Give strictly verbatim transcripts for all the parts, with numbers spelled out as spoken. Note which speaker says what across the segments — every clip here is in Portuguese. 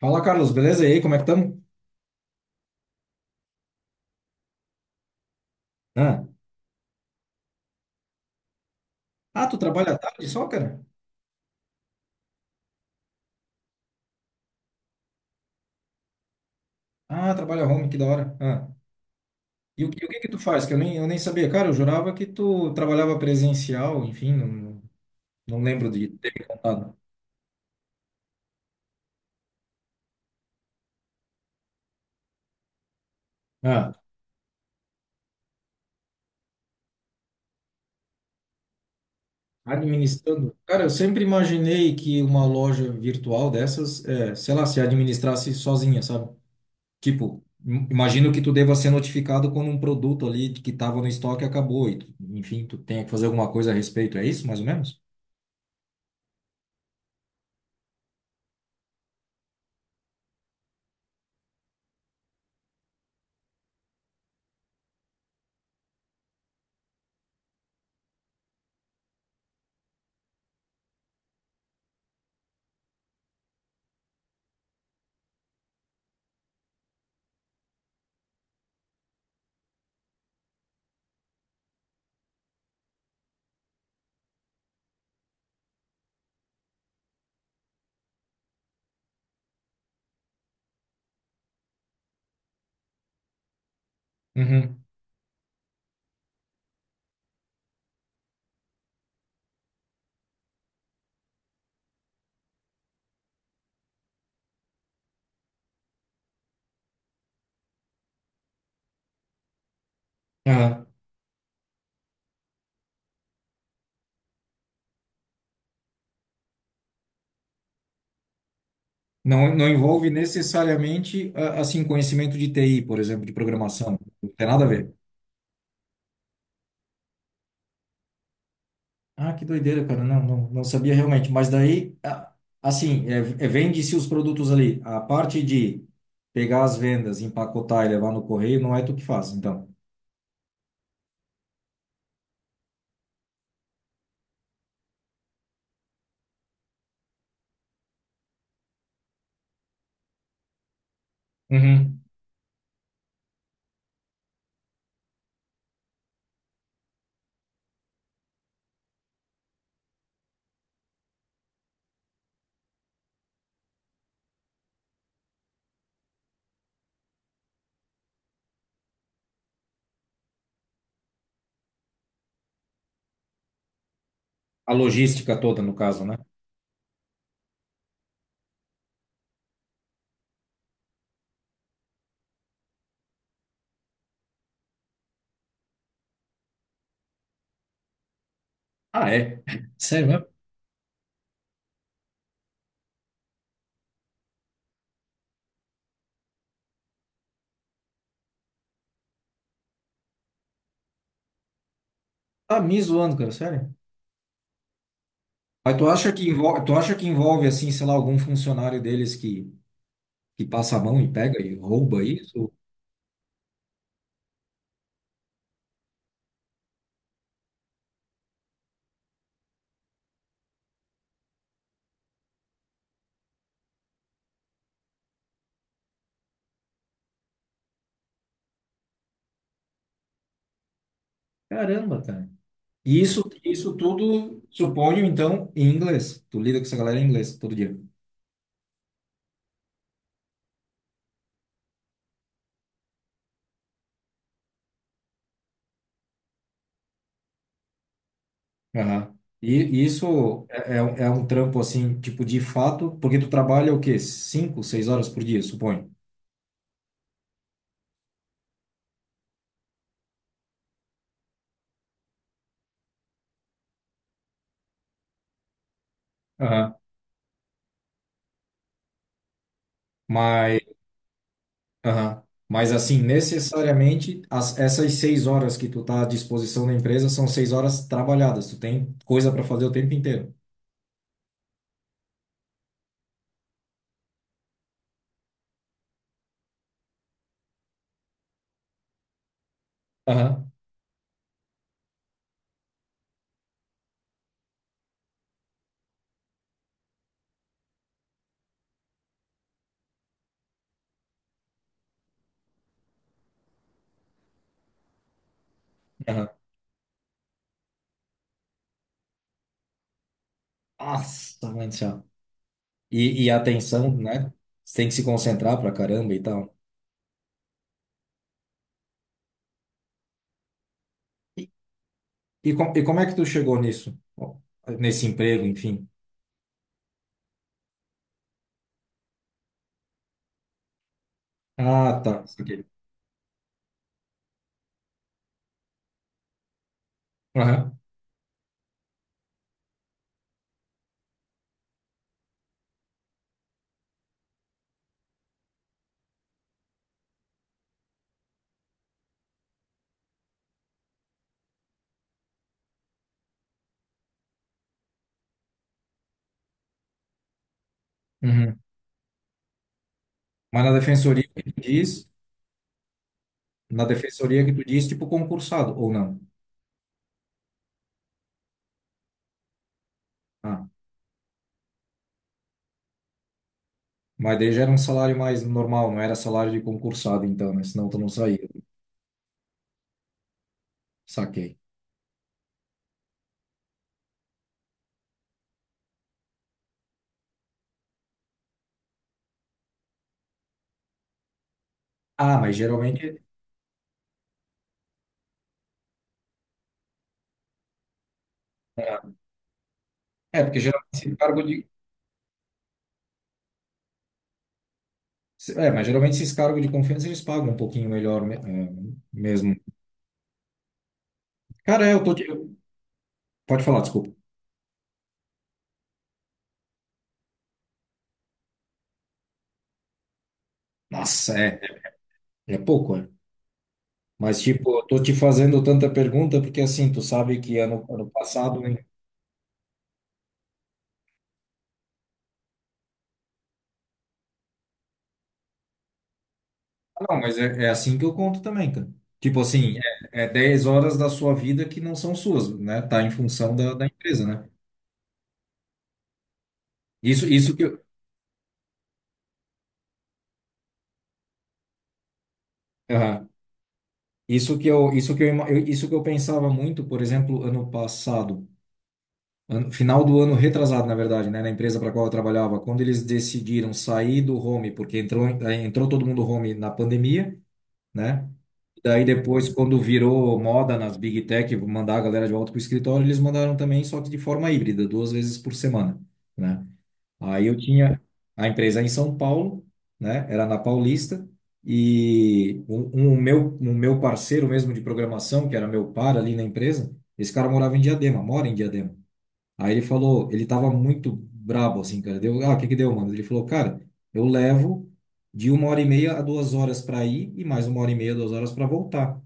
Speaker 1: Fala, Carlos, beleza? E aí, como é que estamos? Ah. Ah, tu trabalha à tarde só, cara? Ah, trabalha home, que da hora. Ah. E o, que- o que que tu faz? Que eu nem, eu nem sabia. Cara, eu jurava que tu trabalhava presencial, enfim, não, não lembro de ter me contado. Ah. Administrando. Cara, eu sempre imaginei que uma loja virtual dessas, é, sei lá, se administrasse sozinha, sabe? Tipo, im- imagino que tu deva ser notificado quando um produto ali que estava no estoque acabou e, tu- enfim, tu tenha que fazer alguma coisa a respeito. É isso, mais ou menos? Uhum. Não, não envolve necessariamente, a- assim, conhecimento de T I, por exemplo, de programação. Não tem nada a ver. Ah, que doideira, cara. Não, não, não sabia realmente. Mas daí, a- assim, é, é, vende-se os produtos ali. A parte de pegar as vendas, empacotar e levar no correio, não é tu que faz, então. Uhum. A logística toda, no caso, né? Ah, é. Sério mesmo? Tá me zoando, cara, sério. Mas tu acha que envolve, tu acha que envolve, assim, sei lá, algum funcionário deles que, que passa a mão e pega e rouba isso? Caramba, cara. E isso, isso tudo, supõe então, em inglês. Tu lida com essa galera em inglês todo dia. Aham. E e isso é, é um é um trampo, assim, tipo, de fato, porque tu trabalha o quê? Cinco, seis horas por dia, suponho. Aham. Mas, aham. Mas, assim, necessariamente, as, essas seis horas que tu tá à disposição da empresa são seis horas trabalhadas. Tu tem coisa para fazer o tempo inteiro. Aham. Aham. Nossa, mãe do céu. E, e a atenção, né? Você tem que se concentrar pra caramba e tal. E, com- e como é que tu chegou nisso? Nesse emprego, enfim. Ah, tá. Saquei. Aham. Uhum. Mas na defensoria que tu diz, na defensoria que tu diz, tipo concursado, ou não? Ah, mas daí já era um salário mais normal, não era salário de concursado, então, né? Senão tu não saía. Saquei. Ah, mas geralmente. É, é, porque geralmente esse cargo de. É, mas geralmente esses cargos de confiança eles pagam um pouquinho melhor me- é, mesmo. Cara, é, eu tô. de- Pode falar, desculpa. Nossa, é. É pouco, é. Mas, tipo, eu tô te fazendo tanta pergunta porque, assim, tu sabe que ano, ano passado, hein? Ah, não, mas é, é assim que eu conto também, cara. Tipo assim, é, é dez horas da sua vida que não são suas, né? Tá em função da, da empresa, né? Isso, isso que eu, Aham. isso que eu, isso que eu, ima- eu- isso que eu pensava muito, por exemplo, ano passado, ano- final do ano retrasado, na verdade, né? Na empresa para qual eu trabalhava, quando eles decidiram sair do home, porque entrou, entrou todo mundo home na pandemia, né? Daí depois, quando virou moda nas Big Tech mandar a galera de volta para o escritório, eles mandaram também, só que de forma híbrida, duas vezes por semana, né? Aí eu tinha a empresa em São Paulo, né? Era na Paulista e um, um meu um meu parceiro mesmo de programação, que era meu par ali na empresa, esse cara morava em Diadema, mora em Diadema. Aí ele falou, ele tava muito brabo assim, cara. Deu, ah, o que que deu, mano? Ele falou, cara, eu levo de uma hora e meia a duas horas para ir e mais uma hora e meia, duas horas para voltar.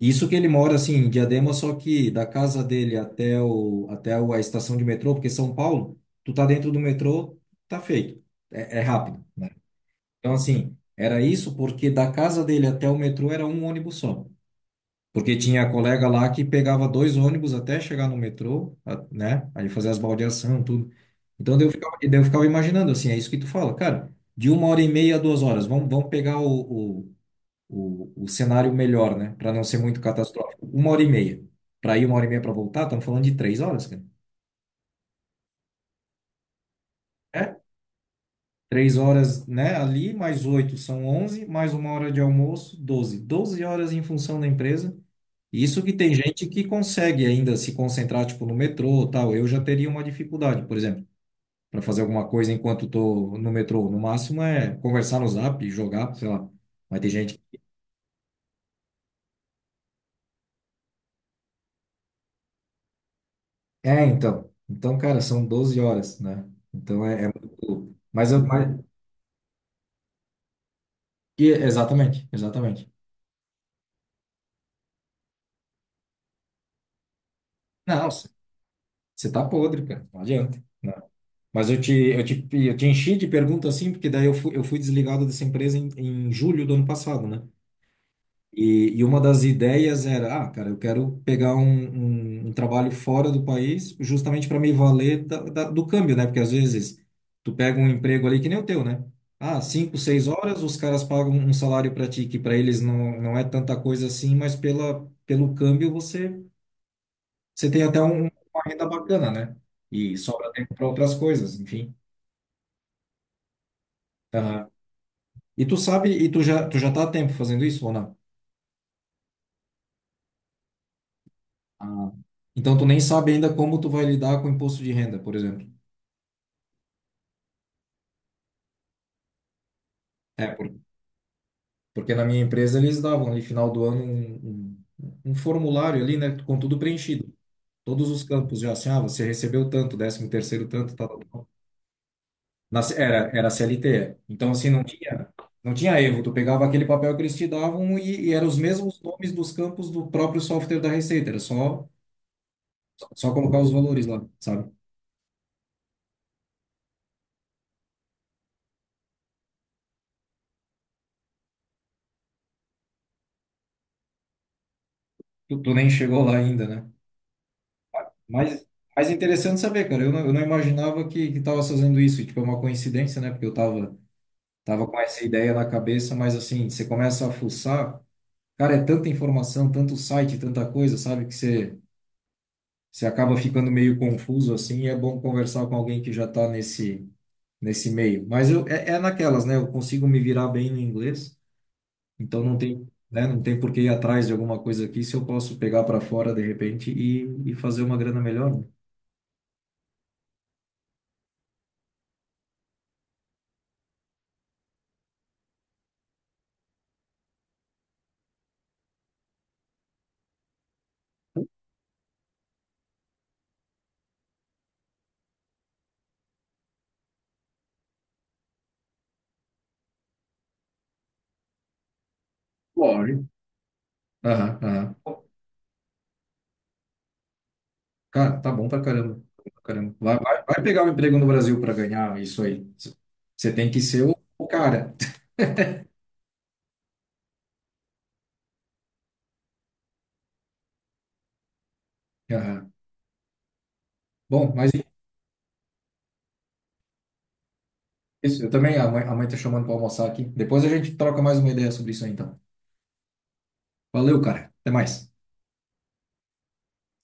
Speaker 1: Isso que ele mora assim em Diadema, só que da casa dele até o até o- a estação de metrô, porque São Paulo, tu tá dentro do metrô, tá feito. É, é rápido, né? Então assim, era isso porque da casa dele até o metrô era um ônibus só. Porque tinha colega lá que pegava dois ônibus até chegar no metrô, a- né? Aí fazer as baldeação, tudo. Então daí eu ficava, daí eu ficava imaginando assim, é isso que tu fala, cara, de uma hora e meia a duas horas, vamos, vamos pegar o, o, o cenário melhor, né? Para não ser muito catastrófico. Uma hora e meia. Para ir uma hora e meia para voltar, estamos falando de três horas, cara. É? Três horas, né? Ali, mais oito são onze, mais uma hora de almoço, doze. Doze horas em função da empresa. E isso que tem gente que consegue ainda se concentrar, tipo, no metrô, tal. Eu já teria uma dificuldade, por exemplo, para fazer alguma coisa enquanto tô no metrô. No máximo é conversar no Zap, jogar, sei lá. Mas tem gente É, então. Então, cara, são doze horas, né? Então é, é muito. Mas eu. Mas, e- exatamente, exatamente. Não, você você tá podre, cara. Não adianta, né? Mas eu te, eu te, eu te enchi de pergunta assim, porque daí eu fui, eu fui desligado dessa empresa em, em julho do ano passado, né? E, e uma das ideias era, ah, cara, eu quero pegar um, um, um trabalho fora do país, justamente para me valer da, da, do câmbio, né? Porque às vezes tu pega um emprego ali que nem o teu, né? Ah, cinco, seis horas, os caras pagam um salário para ti, que para eles não, não é tanta coisa assim, mas pela, pelo câmbio você, você tem até um, uma renda bacana, né? E sobra tempo para outras coisas, enfim. Aham. E tu sabe, e tu já, tu já tá há tempo fazendo isso ou não? Ah, então, tu nem sabe ainda como tu vai lidar com o imposto de renda, por exemplo. É, por- porque na minha empresa eles davam ali, final do ano, um, um- um formulário ali, né, com tudo preenchido. Todos os campos já assim, ah, você recebeu tanto, décimo terceiro tanto, tal, tal, tal. Na C- era, era C L T. Então, assim, não tinha, não tinha erro. Tu pegava aquele papel que eles te davam e, e eram os mesmos nomes dos campos do próprio software da Receita. Era só, só colocar os valores lá, sabe? Tu, tu nem chegou lá ainda, né? Mas, mas é interessante saber, cara. Eu não, eu não imaginava que, que tava fazendo isso. E, tipo, é uma coincidência, né? Porque eu tava, tava com essa ideia na cabeça, mas assim, você começa a fuçar, cara, é tanta informação, tanto site, tanta coisa, sabe? Que você, você acaba ficando meio confuso, assim, e é bom conversar com alguém que já tá nesse, nesse meio. Mas eu, é, é naquelas, né? Eu consigo me virar bem no inglês, então não tem, né? Não tem por que ir atrás de alguma coisa aqui se eu posso pegar para fora de repente e, e fazer uma grana melhor, né? Lógico. Aham, aham. Cara, tá bom pra caramba. Pra caramba. Vai, vai, vai pegar um emprego no Brasil para ganhar isso aí. Você tem que ser o o cara. Aham. Bom, mas é isso. Eu também, a mãe, a mãe tá chamando para almoçar aqui. Depois a gente troca mais uma ideia sobre isso aí, então. Valeu, cara. Até mais.